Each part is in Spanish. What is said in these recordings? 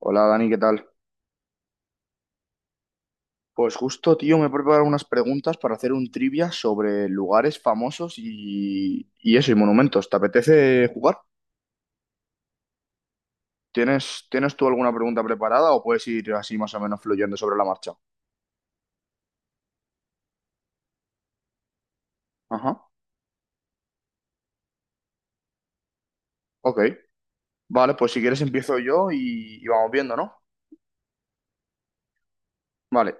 Hola Dani, ¿qué tal? Pues justo, tío, me he preparado unas preguntas para hacer un trivia sobre lugares famosos y eso, y monumentos. ¿Te apetece jugar? ¿¿Tienes tú alguna pregunta preparada o puedes ir así más o menos fluyendo sobre la marcha? Ajá, ok. Vale, pues si quieres empiezo yo y vamos viendo, ¿no? Vale,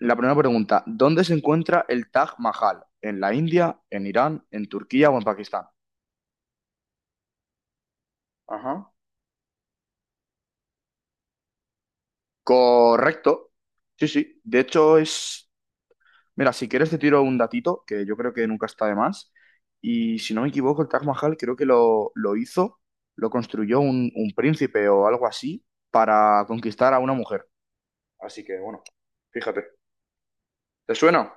la primera pregunta, ¿dónde se encuentra el Taj Mahal? ¿En la India, en Irán, en Turquía o en Pakistán? Ajá. Correcto. Sí, sí. De hecho, es... Mira, si quieres te tiro un datito, que yo creo que nunca está de más. Y si no me equivoco, el Taj Mahal creo que lo hizo, lo construyó un príncipe o algo así para conquistar a una mujer. Así que bueno, fíjate. ¿Te suena?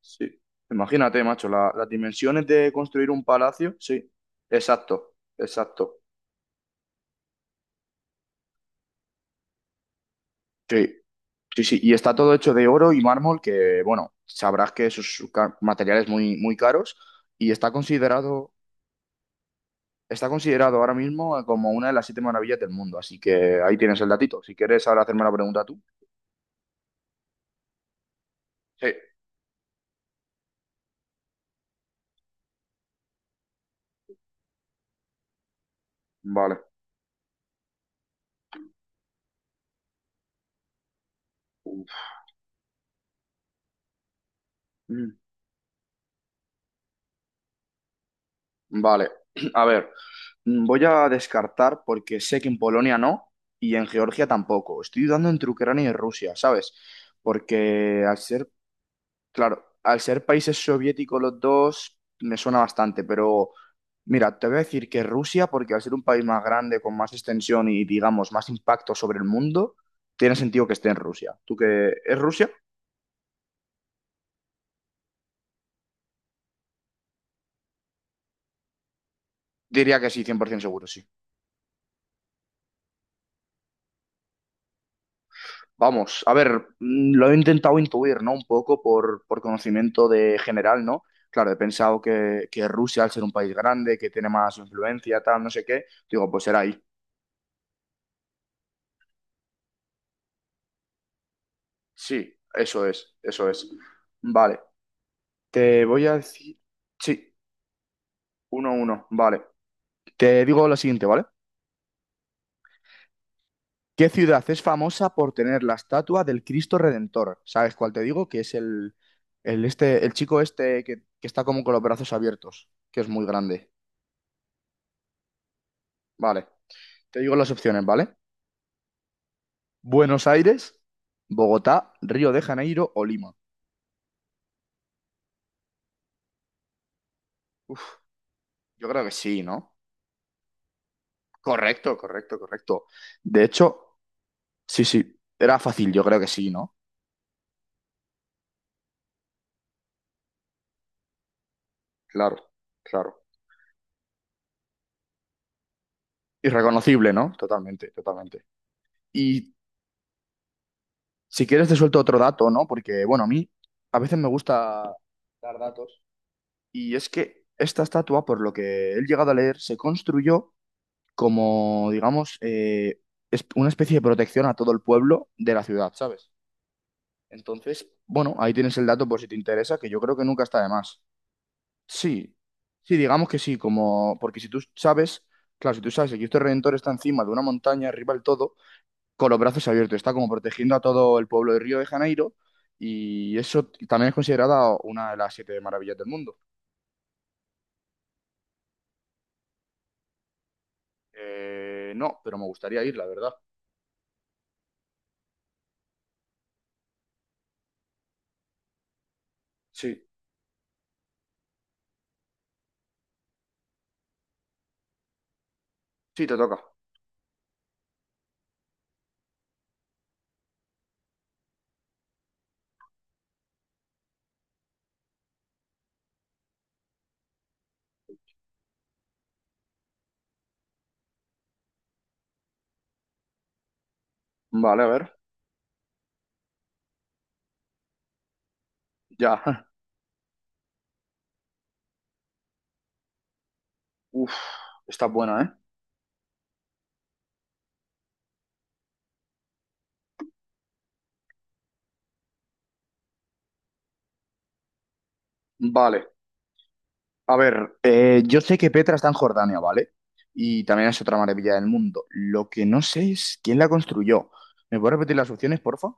Sí. Imagínate, macho, las dimensiones de construir un palacio. Sí, exacto, exacto. Sí, sí, sí. Y está todo hecho de oro y mármol, que bueno, sabrás que esos materiales muy, muy caros y está considerado... Está considerado ahora mismo como una de las siete maravillas del mundo, así que ahí tienes el datito. Si quieres ahora hacerme la pregunta tú. Sí, vale. Uf. Mm. Vale, a ver, voy a descartar porque sé que en Polonia no, y en Georgia tampoco. Estoy dudando entre Ucrania y Rusia, ¿sabes? Porque al ser... Claro, al ser países soviéticos los dos, me suena bastante, pero mira, te voy a decir que Rusia, porque al ser un país más grande, con más extensión y, digamos, más impacto sobre el mundo, tiene sentido que esté en Rusia. ¿Tú que es Rusia? Diría que sí, 100% seguro, sí. Vamos, a ver, lo he intentado intuir, ¿no? Un poco por conocimiento de general, ¿no? Claro, he pensado que Rusia, al ser un país grande, que tiene más influencia, tal, no sé qué, digo, pues será ahí. Sí, eso es, eso es. Vale. Te voy a decir... Sí, uno a uno, vale. Te digo lo siguiente, ¿vale? ¿Qué ciudad es famosa por tener la estatua del Cristo Redentor? ¿Sabes cuál te digo? Que es este, el chico este que está como con los brazos abiertos, que es muy grande. Vale, te digo las opciones, ¿vale? Buenos Aires, Bogotá, Río de Janeiro o Lima. Yo creo que sí, ¿no? Correcto, correcto, correcto. De hecho, sí, sí, era fácil, yo creo que sí, ¿no? Claro, claro. Irreconocible, ¿no? Totalmente, totalmente. Y si quieres te suelto otro dato, ¿no? Porque, bueno, a mí a veces me gusta dar datos. Y es que esta estatua, por lo que he llegado a leer, se construyó como, digamos, una especie de protección a todo el pueblo de la ciudad, ¿sabes? Entonces, bueno, ahí tienes el dato por si te interesa, que yo creo que nunca está de más. Sí, sí, digamos que sí, como, porque si tú sabes, claro, si tú sabes que Cristo Redentor está encima de una montaña, arriba del todo, con los brazos abiertos, está como protegiendo a todo el pueblo de Río de Janeiro y eso también es considerada una de las siete maravillas del mundo. No, pero me gustaría ir, la verdad. Sí, sí, te toca. Vale, a ver, ya. Uf, está buena, ¿eh? Vale, a ver, yo sé que Petra está en Jordania, ¿vale? Y también es otra maravilla del mundo. Lo que no sé es quién la construyó. ¿Me puedes repetir las opciones, porfa?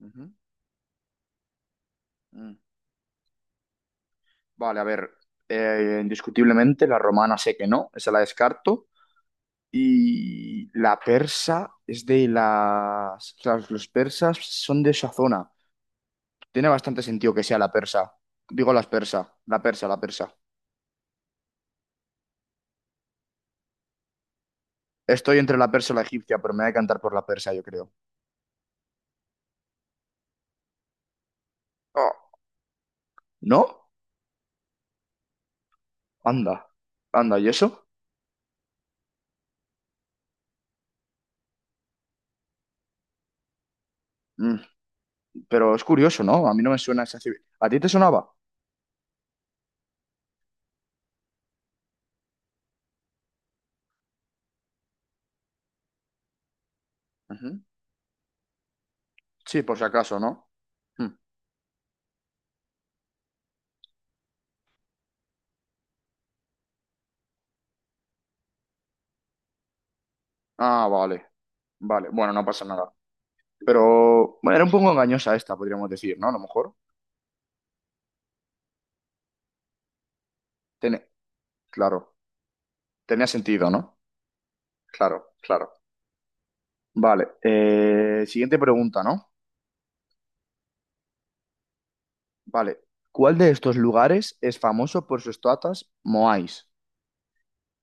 Ujú. Mm. Vale, a ver, indiscutiblemente la romana sé que no, esa la descarto. Y la persa es de las... O sea, los persas son de esa zona. Tiene bastante sentido que sea la persa. Digo las persa, la persa, la persa. Estoy entre la persa y la egipcia, pero me voy a cantar por la persa, yo creo. Oh, ¿no? Anda, anda, ¿y eso? Mm, pero es curioso, ¿no? A mí no me suena esa civil. ¿A ti te sonaba? Ujú. Sí, por si acaso, ¿no? Mm. Ah, vale, vale. Bueno, no pasa nada. Pero, bueno, era un poco engañosa esta, podríamos decir, ¿no? A lo mejor. Tiene... Claro. Tenía sentido, ¿no? Claro, claro. Vale, siguiente pregunta, ¿no? Vale, ¿cuál de estos lugares es famoso por sus toatas moais?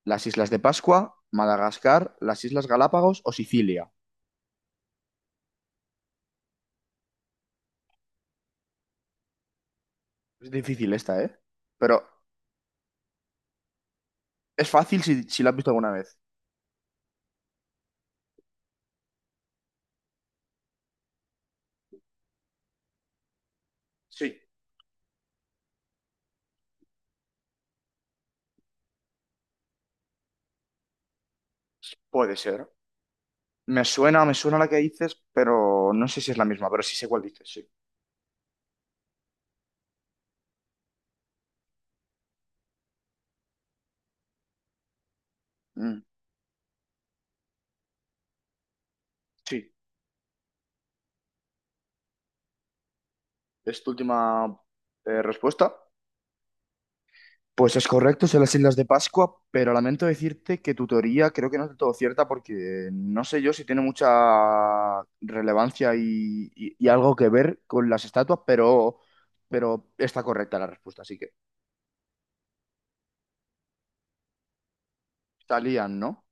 ¿Las Islas de Pascua, Madagascar, las Islas Galápagos o Sicilia? Es difícil esta, ¿eh? Pero es fácil si la has visto alguna vez. Sí, puede ser. Me suena la que dices, pero no sé si es la misma, pero sí sé cuál dices, sí. Mm, sí, es tu última respuesta. Pues es correcto, son las Islas de Pascua, pero lamento decirte que tu teoría creo que no es del todo cierta porque no sé yo si tiene mucha relevancia y algo que ver con las estatuas, pero está correcta la respuesta, así que salían, ¿no?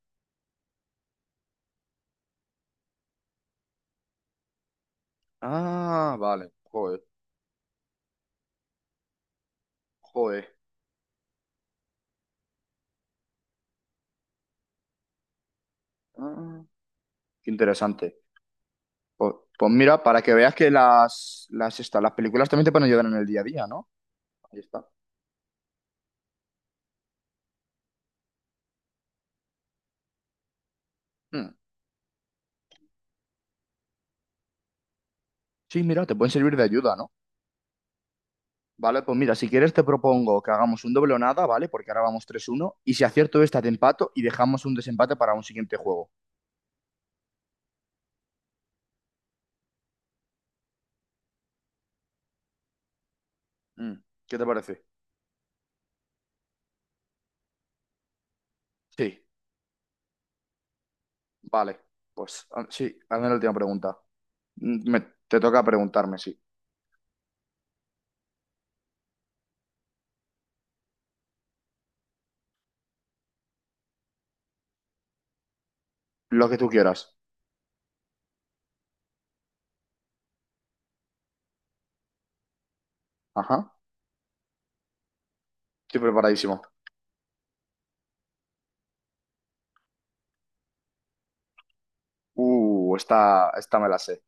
Ah, vale, joder, joder. Ah, qué interesante. Pues, pues mira, para que veas que las, esta- las películas también te pueden ayudar en el día a día, ¿no? Ahí está. Mm. Sí, mira, te pueden servir de ayuda, ¿no? Vale, pues mira, si quieres te propongo que hagamos un doble o nada, ¿vale? Porque ahora vamos 3-1. Y si acierto esta, te empato y dejamos un desempate para un siguiente juego. Mm, ¿qué te parece? Sí, vale. Pues ah, sí, hazme la última pregunta. Mm, me- Te toca preguntarme, sí. Lo que tú quieras. Ajá. Estoy preparadísimo. Esta me la sé.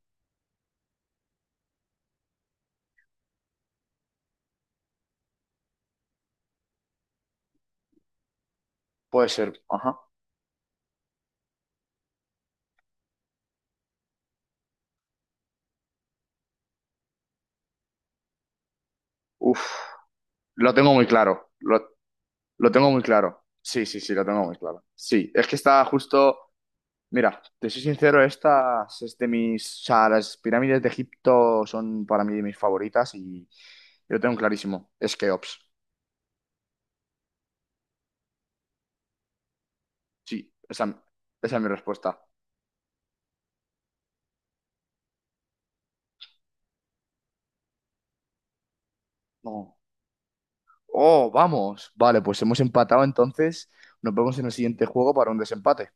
Puede ser. Ajá. Uf. Lo tengo muy claro. Lo tengo muy claro. Sí, sí, sí, lo tengo muy claro. Sí, es que está justo... Mira, te soy sincero, estas es de mis, o sea, las pirámides de Egipto son para mí de mis favoritas y yo tengo clarísimo, es Keops. Sí, esa es mi respuesta. No. Oh, vamos. Vale, pues hemos empatado entonces. Nos vemos en el siguiente juego para un desempate.